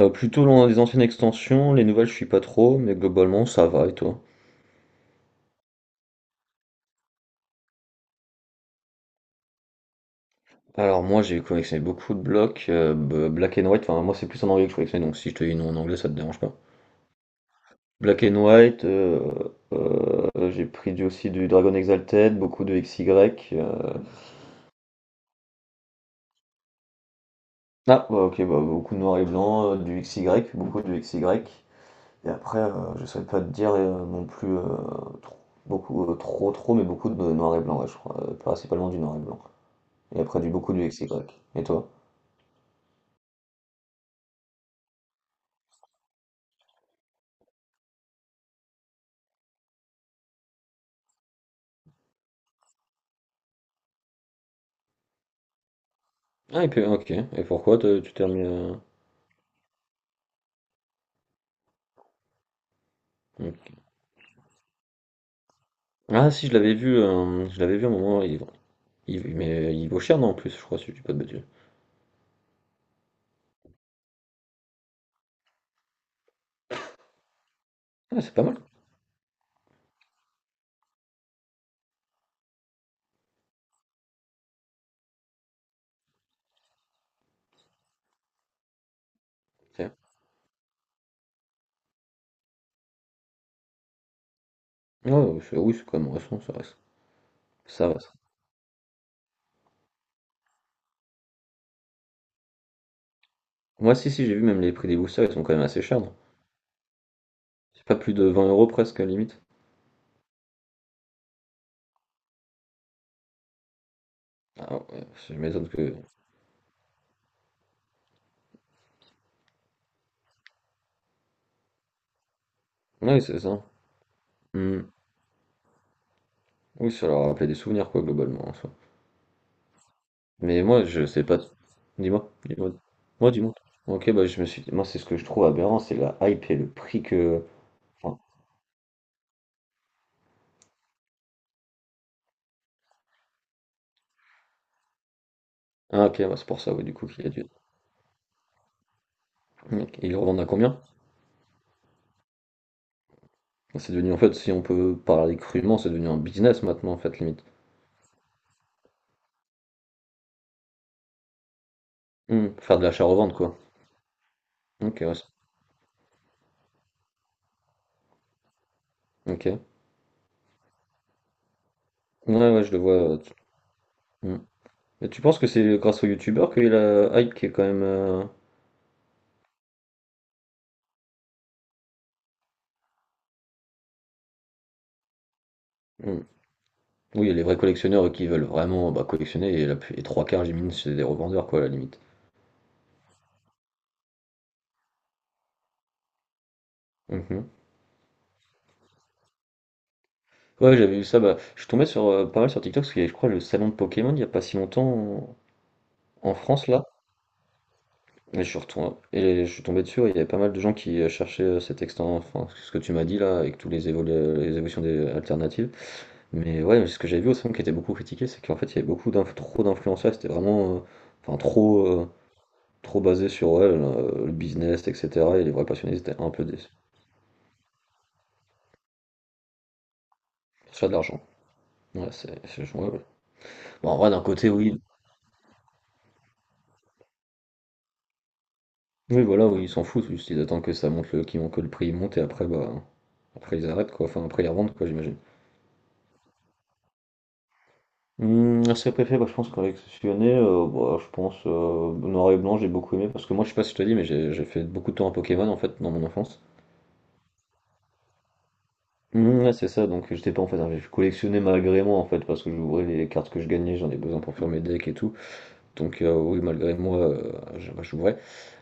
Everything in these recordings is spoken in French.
Plutôt loin des anciennes extensions, les nouvelles je suis pas trop, mais globalement ça va et toi? Alors moi j'ai collectionné beaucoup de blocs, Black and White, enfin moi c'est plus en anglais que je collectionne, donc si je te dis non en anglais ça te dérange pas. Black and White, j'ai pris aussi du Dragon Exalted, beaucoup de XY. euh, Ah bah, ok, bah, beaucoup de noir et blanc, du XY, beaucoup de XY. Et après je saurais pas te dire non plus trop, beaucoup, trop trop, mais beaucoup de noir et blanc, ouais, je crois, principalement du noir et blanc. Et après du beaucoup du XY. Et toi? Ah et puis OK et pourquoi te tu t'es remis à OK. Ah, si je l'avais vu, je l'avais vu à un moment. Il Mais il vaut cher, non, en plus, je crois, si je dis pas de bêtises. Ah, c'est pas mal. C'est Ouais, ouais, c'est oui c'est quand même récent, ça reste. Ça va ça. Ouais, si j'ai vu même les prix des boosters ils sont quand même assez chers, non? C'est pas plus de 20 €, presque limite? Ah ouais, ça m'étonne que oui, c'est ça. Hmm. Oui, ça leur a rappelé des souvenirs quoi, globalement en soi. Mais moi je sais pas. Dis-moi, dis-moi. Moi, dis-moi. OK, bah, je me suis moi c'est ce que je trouve aberrant, c'est la hype et le prix que, enfin. Ah ok, ouais, c'est pour ça, ouais, du coup, qu'il a dû. Ok. Et ils le revendent à combien? Bah, c'est devenu, en fait, si on peut parler crûment, c'est devenu un business maintenant, en fait, limite. Hmm. Faire de l'achat-revente, quoi. Ok, ouais, ok. Ouais, ouais, je le vois. Hmm. Et tu penses que c'est grâce aux youtubeurs qu'il y a la hype qui est quand même? Hmm. Oui, il y a les vrais collectionneurs qui veulent vraiment, bah, collectionner, et, et trois quarts, j'imagine, c'est des revendeurs, quoi, à la limite. Mhm. Ouais, j'avais vu ça, bah, je suis tombé sur, pas mal sur TikTok, parce qu'il y avait, je crois, le salon de Pokémon il y a pas si longtemps en, en France, là. Et je suis tombé dessus, ouais, il y avait pas mal de gens qui cherchaient cet extant, enfin ce que tu m'as dit là, avec tous les, les évolutions des alternatives. Mais ouais, ce que j'ai vu aussi, qui était beaucoup critiqué, c'est qu'en fait il y avait trop d'influenceurs, c'était vraiment enfin trop, trop basé sur ouais, le business, etc. Et les vrais passionnés ils étaient un peu déçus. Pour se faire de l'argent. Ouais, ouais, ouais. Bon, en vrai, d'un côté, oui, oui, voilà, oui, ils s'en foutent, juste ils attendent que ça monte, que le prix monte et après, bah, après ils arrêtent quoi, enfin après ils revendent quoi, j'imagine. Serait préféré, bah, je pense collectionner, bah, je pense noir et blanc, j'ai beaucoup aimé parce que moi, je sais pas si je te dis, mais j'ai fait beaucoup de temps à Pokémon en fait dans mon enfance. Ouais, c'est ça, donc j'étais pas en fait, hein, je collectionnais malgré moi en fait parce que j'ouvrais les cartes que je gagnais, j'en ai besoin pour faire mes decks et tout. Donc oui, malgré moi, bah, j'ouvrais,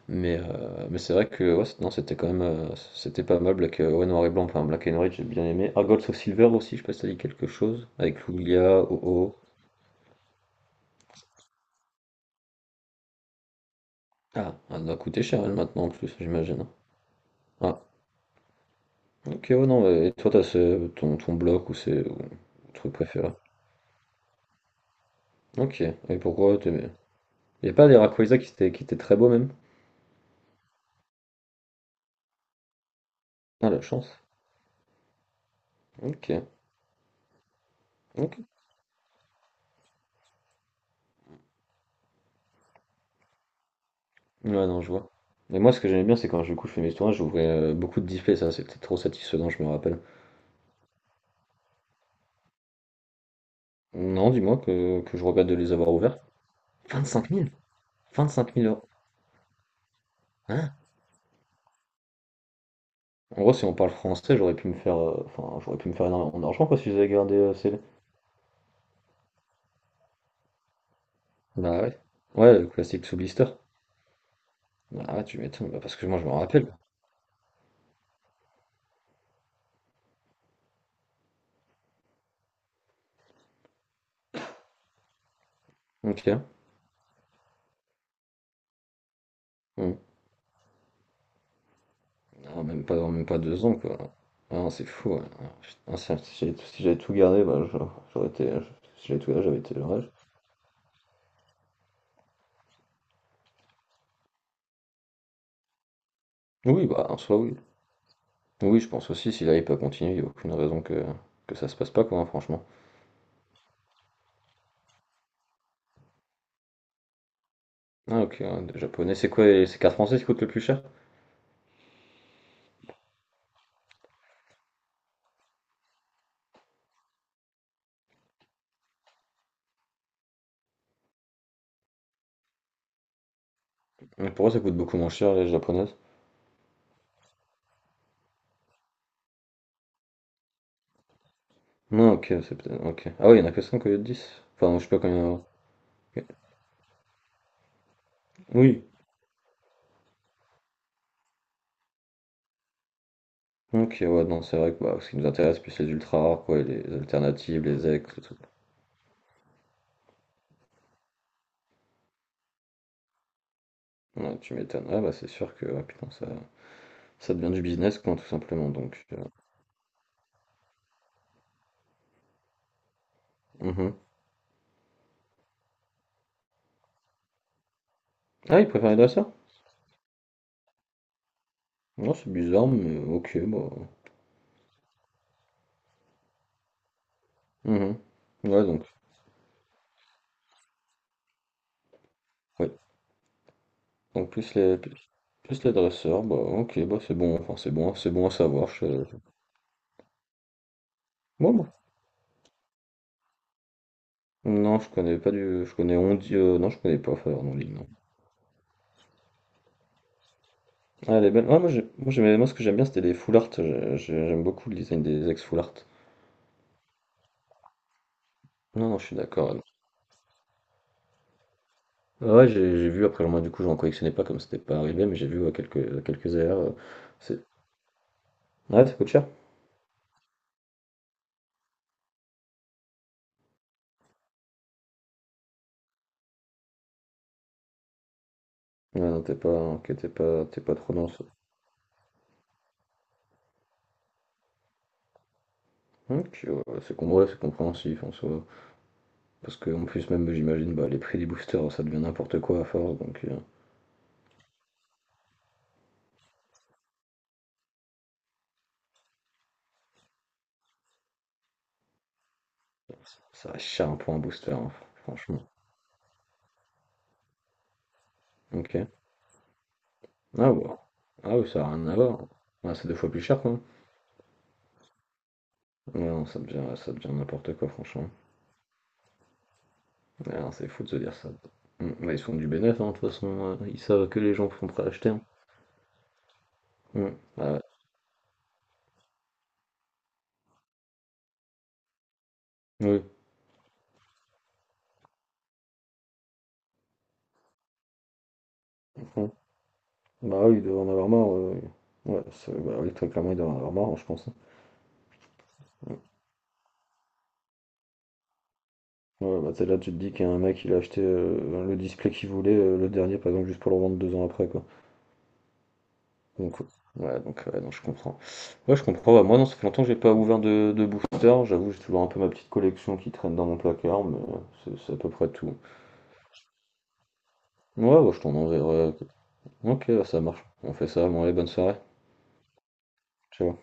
mais c'est vrai que ouais, non, c'était quand même c'était pas mal Black, ouais, noir et blanc, enfin Black and White, j'ai bien aimé. Ah, Gold of Silver aussi, je sais pas si ça dit quelque chose, avec Lugia, Oh Oh. Ah, elle doit coûter cher elle maintenant, en plus, j'imagine, hein. Ah, ok, ouais, non, et toi, t'as ton bloc ou c'est ou truc préféré. Ok, et pourquoi t'aimais? Y a pas des Rayquaza qui étaient très beaux même? Ah, la chance. Ok, ok. Ouais, non, je vois. Mais moi, ce que j'aimais bien, c'est quand je du coup, je fais mes tournages, j'ouvrais beaucoup de displays, ça, c'était trop satisfaisant, je me rappelle. Non, dis-moi que je regrette de les avoir ouverts. 25 000. Vingt-cinq mille euros. Hein? En gros, si on parle français, j'aurais pu me faire, enfin, j'aurais pu me faire énormément d'argent, quoi, si j'avais gardé ces... Bah ouais. Ouais, le classique sous blister. Ah, tu m'étonnes, bah, parce que moi, je me rappelle. OK. Mmh. Ah, même pas, même pas 2 ans, quoi. Ah non, c'est fou, ouais. Ah putain, si j'avais tout gardé, bah, je j'aurais été je si j'avais tout gardé, j'avais été leur âge. Oui, bah, en soi, oui. Oui, je pense aussi, si là, il peut continuer, il y a aucune raison que ça se passe pas, quoi, hein, franchement. Ah OK, ouais, des japonais, c'est quoi les ces cartes françaises qui coûtent le plus cher? Mais pourquoi ça coûte beaucoup moins cher, les japonaises? Non OK, c'est peut-être OK. Ah oui, il y en a que 5 au lieu de 10? Enfin, je sais pas combien il. Oui. OK, ouais, non, c'est vrai que, bah, ce qui nous intéresse, plus les ultra rares, quoi, et les alternatives, les ex, Ouais, tu m'étonnes. Ah bah, c'est sûr que, ah putain, ça devient du business quoi, tout simplement, donc. Mhm. Ah il préférait de ça? Non, c'est bizarre, mais ok bah. Mhm. Ouais donc ouais. Donc plus les dresseurs, bah ok, bah c'est bon, enfin c'est bon à savoir. Je... Bon, bon. Non, je connais pas du. Je connais Ondi, non je connais pas Faveur, non, non. Ah elle est belle. Ah, moi, j'aimais moi ce que j'aime bien c'était les full art. J'aime beaucoup le design des ex full art. Non non, je suis d'accord. Ah ouais, j'ai vu, après moi du coup j'en collectionnais pas comme c'était pas arrivé, mais j'ai vu ouais, quelques AR. C'est... Ouais, ça coûte cher? Ouais, non, t'es pas, ok, t'es pas trop dans ça. Ok, ouais, ouais, c'est compréhensif en soi. Parce que en plus même j'imagine, bah, les prix des boosters ça devient n'importe quoi à force, donc ça reste cher un peu un booster, hein, franchement. Ok. Ah ouais. Ah oui, ça a rien à voir. Ah, c'est deux fois plus cher quoi. Ouais, non, ça devient n'importe quoi franchement. Ouais, non, c'est fou de se dire ça. Mm, ouais, ils font du bénéfice, hein, de toute façon, ils savent que les gens sont prêts à acheter. Mm. Ah ouais. Oui. Mhm. Bah oui, il doit en avoir marre. Ouais, ouais. Ouais, bah oui, très clairement, il doit en avoir marre, je pense. Ouais, bah t'sais, là, tu te dis qu'un mec, il a acheté le display qu'il voulait, le dernier, par exemple, juste pour le revendre 2 ans après, quoi. Donc, ouais, donc, ouais, non, je comprends. Ouais, je comprends. Bah, moi, non, ça fait longtemps que j'ai pas ouvert de booster. J'avoue, j'ai toujours un peu ma petite collection qui traîne dans mon placard, mais c'est à peu près tout. Ouais, bah, je t'en enverrai. Ok, bah, ça marche. On fait ça. Bon, allez, bonne soirée. Ciao.